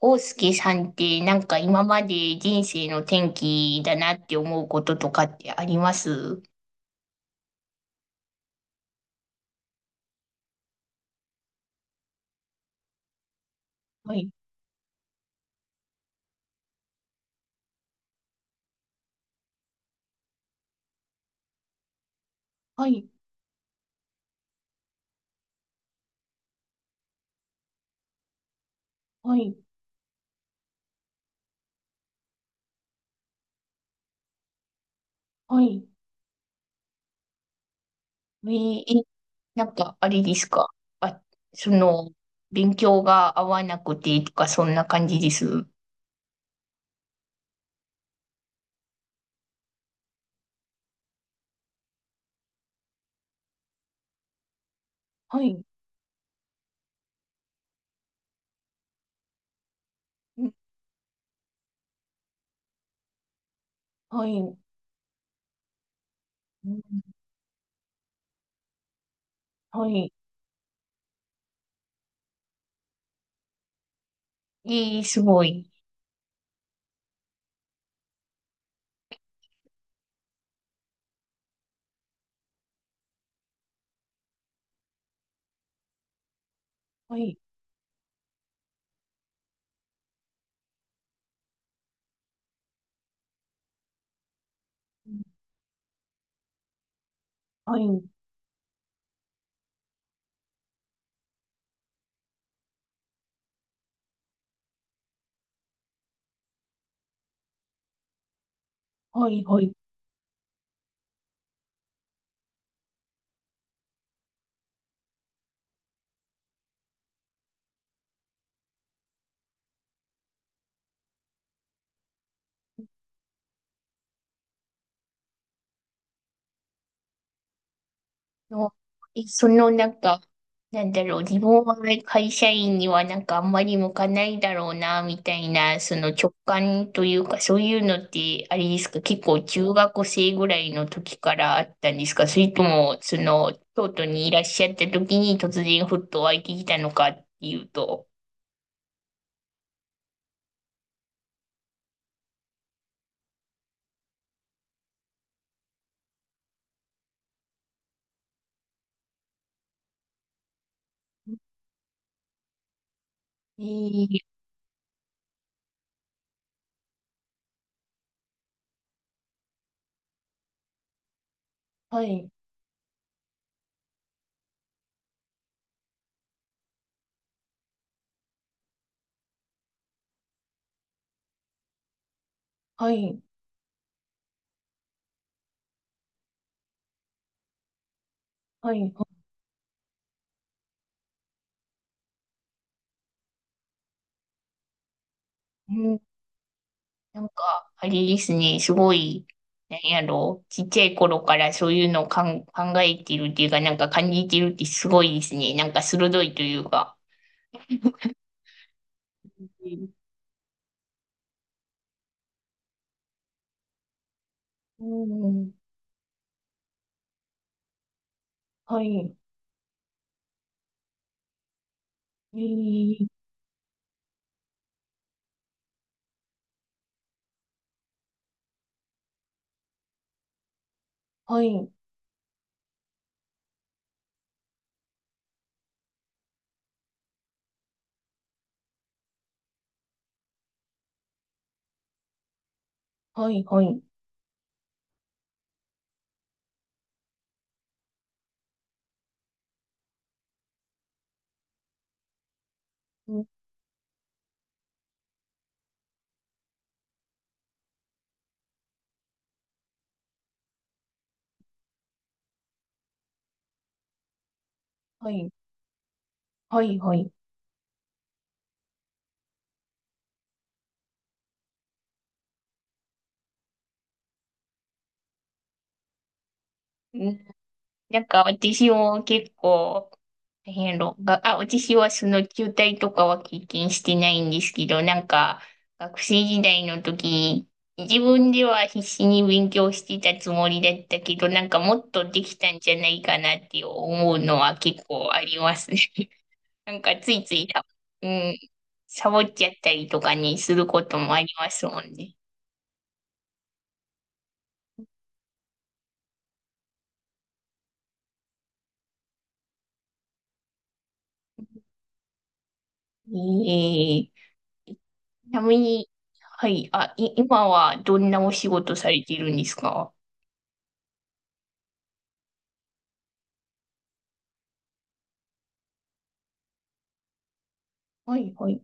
大介さんってなんか今まで人生の転機だなって思うこととかってあります？はい、はい、はい、はい。えーえ。なんかあれですか？あ、その、勉強が合わなくてとかそんな感じです。はい、うん、はい、うん、はい。えー、すごい。はい、はい、はい、はい。の、なんか、なんだろう、自分は会社員にはなんかあんまり向かないだろうな、みたいな、その直感というか、そういうのって、あれですか？結構中学生ぐらいの時からあったんですか？それとも、京都にいらっしゃった時に突然ふっと湧いてきたのかっていうと。えー、はい、はい、はい。はい。うん。なんか、あれですね、すごい、なんやろう、ちっちゃい頃からそういうのを考えてるっていうか、なんか感じてるってすごいですね。なんか鋭いというか。うん、はい、えー、はい、はい、はい、うん、はい、はい、はい。うん。なんか私も結構、大変論が、あ、私はその中退とかは経験してないんですけど、なんか学生時代の時、自分では必死に勉強してたつもりだったけど、なんかもっとできたんじゃないかなって思うのは結構ありますね。なんかついついうん、サボっちゃったりとかにすることもありますもんね。ええ。ちなみに、はい、あ、今はどんなお仕事されてるんですか？はい、はい、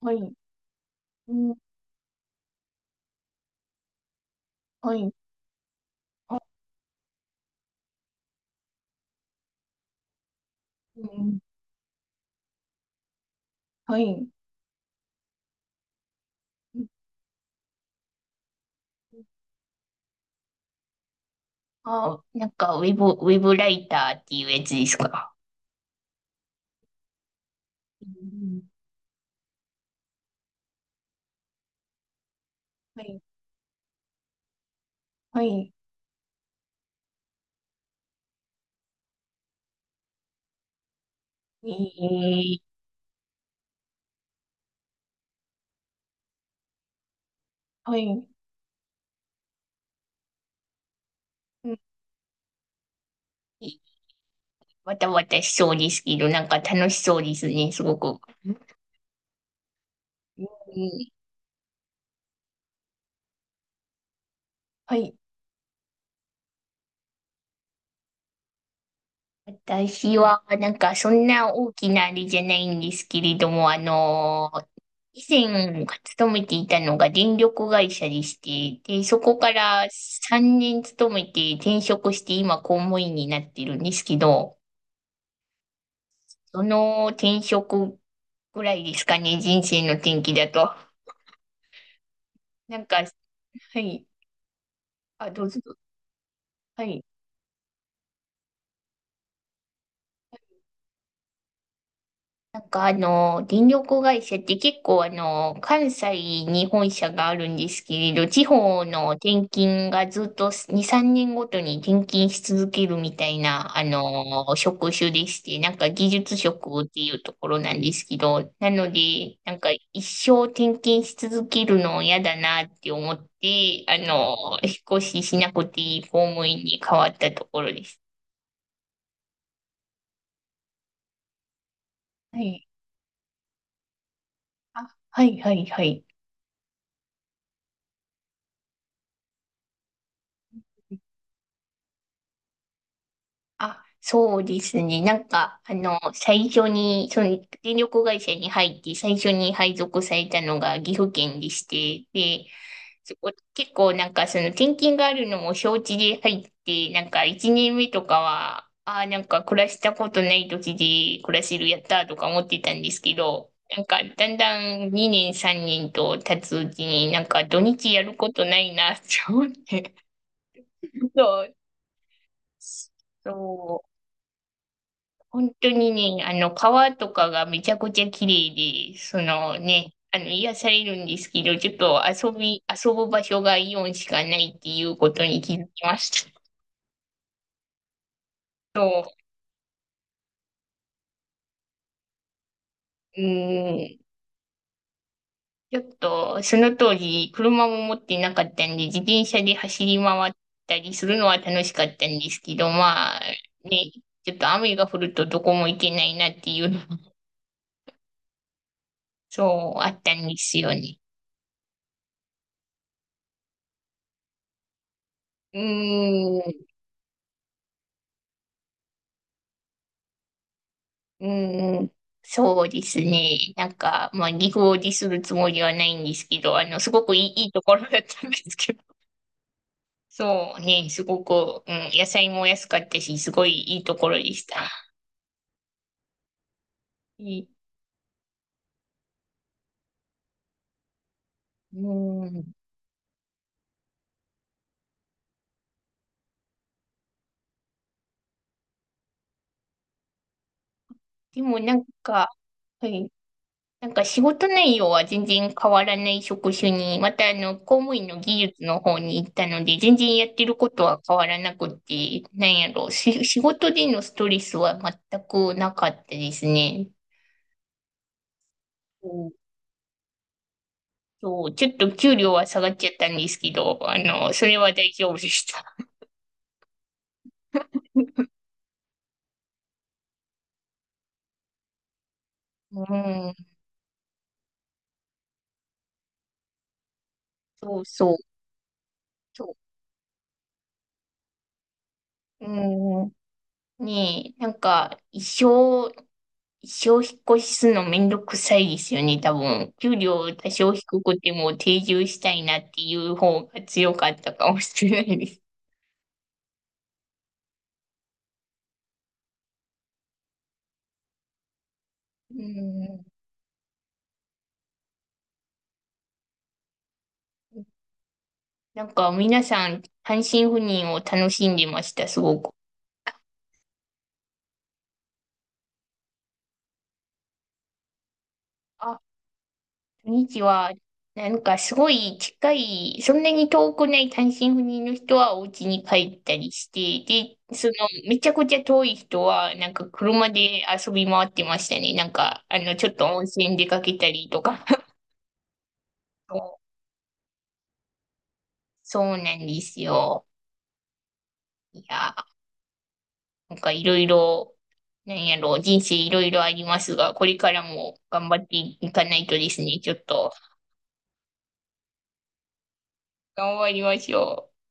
はい。うん。はい。あ。うん。はい。あ、なんか、ウェブライターっていうやつですか？うん。はい。はい。えー、はい。うん。わたしそうですけど、なんか楽しそうですね、すごく。うん、はい。私は、なんか、そんな大きなあれじゃないんですけれども、以前、勤めていたのが電力会社でして、で、そこから3年勤めて転職して、今、公務員になってるんですけど、その転職ぐらいですかね、人生の転機だと。なんか、はい。あ、どうぞ。はい。なんか電力会社って結構関西に本社があるんですけれど、地方の転勤がずっと2、3年ごとに転勤し続けるみたいな、職種でして、なんか技術職っていうところなんですけど、なので、なんか一生転勤し続けるの嫌だなって思って、引っ越ししなくていい公務員に変わったところです。はい。あ、はい、はい、はい。あ、そうですね。なんか、最初に、電力会社に入って、最初に配属されたのが岐阜県でして、で、そこ、結構なんか、転勤があるのも承知で入って、なんか、1年目とかは、ああ、なんか、暮らしたことない土地で暮らせる、やったーとか思ってたんですけど、なんか、だんだん2年、3年と経つうちに、なんか、土日やることないな、って思って、そう、そう。本当にね、川とかがめちゃくちゃ綺麗で、癒されるんですけど、ちょっと遊ぶ場所がイオンしかないっていうことに気づきました。そう、うん、ちょっと、その当時、車も持ってなかったんで、自転車で走り回ったりするのは楽しかったんですけど、まあ、ね、ちょっと雨が降るとどこも行けないなっていうのも、そう、あったんですよね。うーん。うん、そうですね。なんか、まあ、二合でするつもりはないんですけど、すごくいいところだったんですけど。そうね、すごく、うん、野菜も安かったし、すごいいいところでした。いうん、でもなんか、はい、なんか仕事内容は全然変わらない職種に、また公務員の技術の方に行ったので、全然やってることは変わらなくて、なんやろう、仕事でのストレスは全くなかったですね。そう、ちょっと給料は下がっちゃったんですけど、それは大丈夫でした。うん、そうそう、そう。うん、ねえ、なんか、一生、一生引っ越しするのめんどくさいですよね、多分。給料多少低くても定住したいなっていう方が強かったかもしれないです。うん、なんか、皆さん、単身赴任を楽しんでました、すごく。あ。土日は、なんかすごい近い、そんなに遠くない単身赴任の人はお家に帰ったりして、で、めちゃくちゃ遠い人は、なんか車で遊び回ってましたね。なんか、ちょっと温泉出かけたりとか。そう。そうなんですよ。いや、なんかいろいろ、なんやろう、人生いろいろありますが、これからも頑張っていかないとですね、ちょっと頑張りましょう。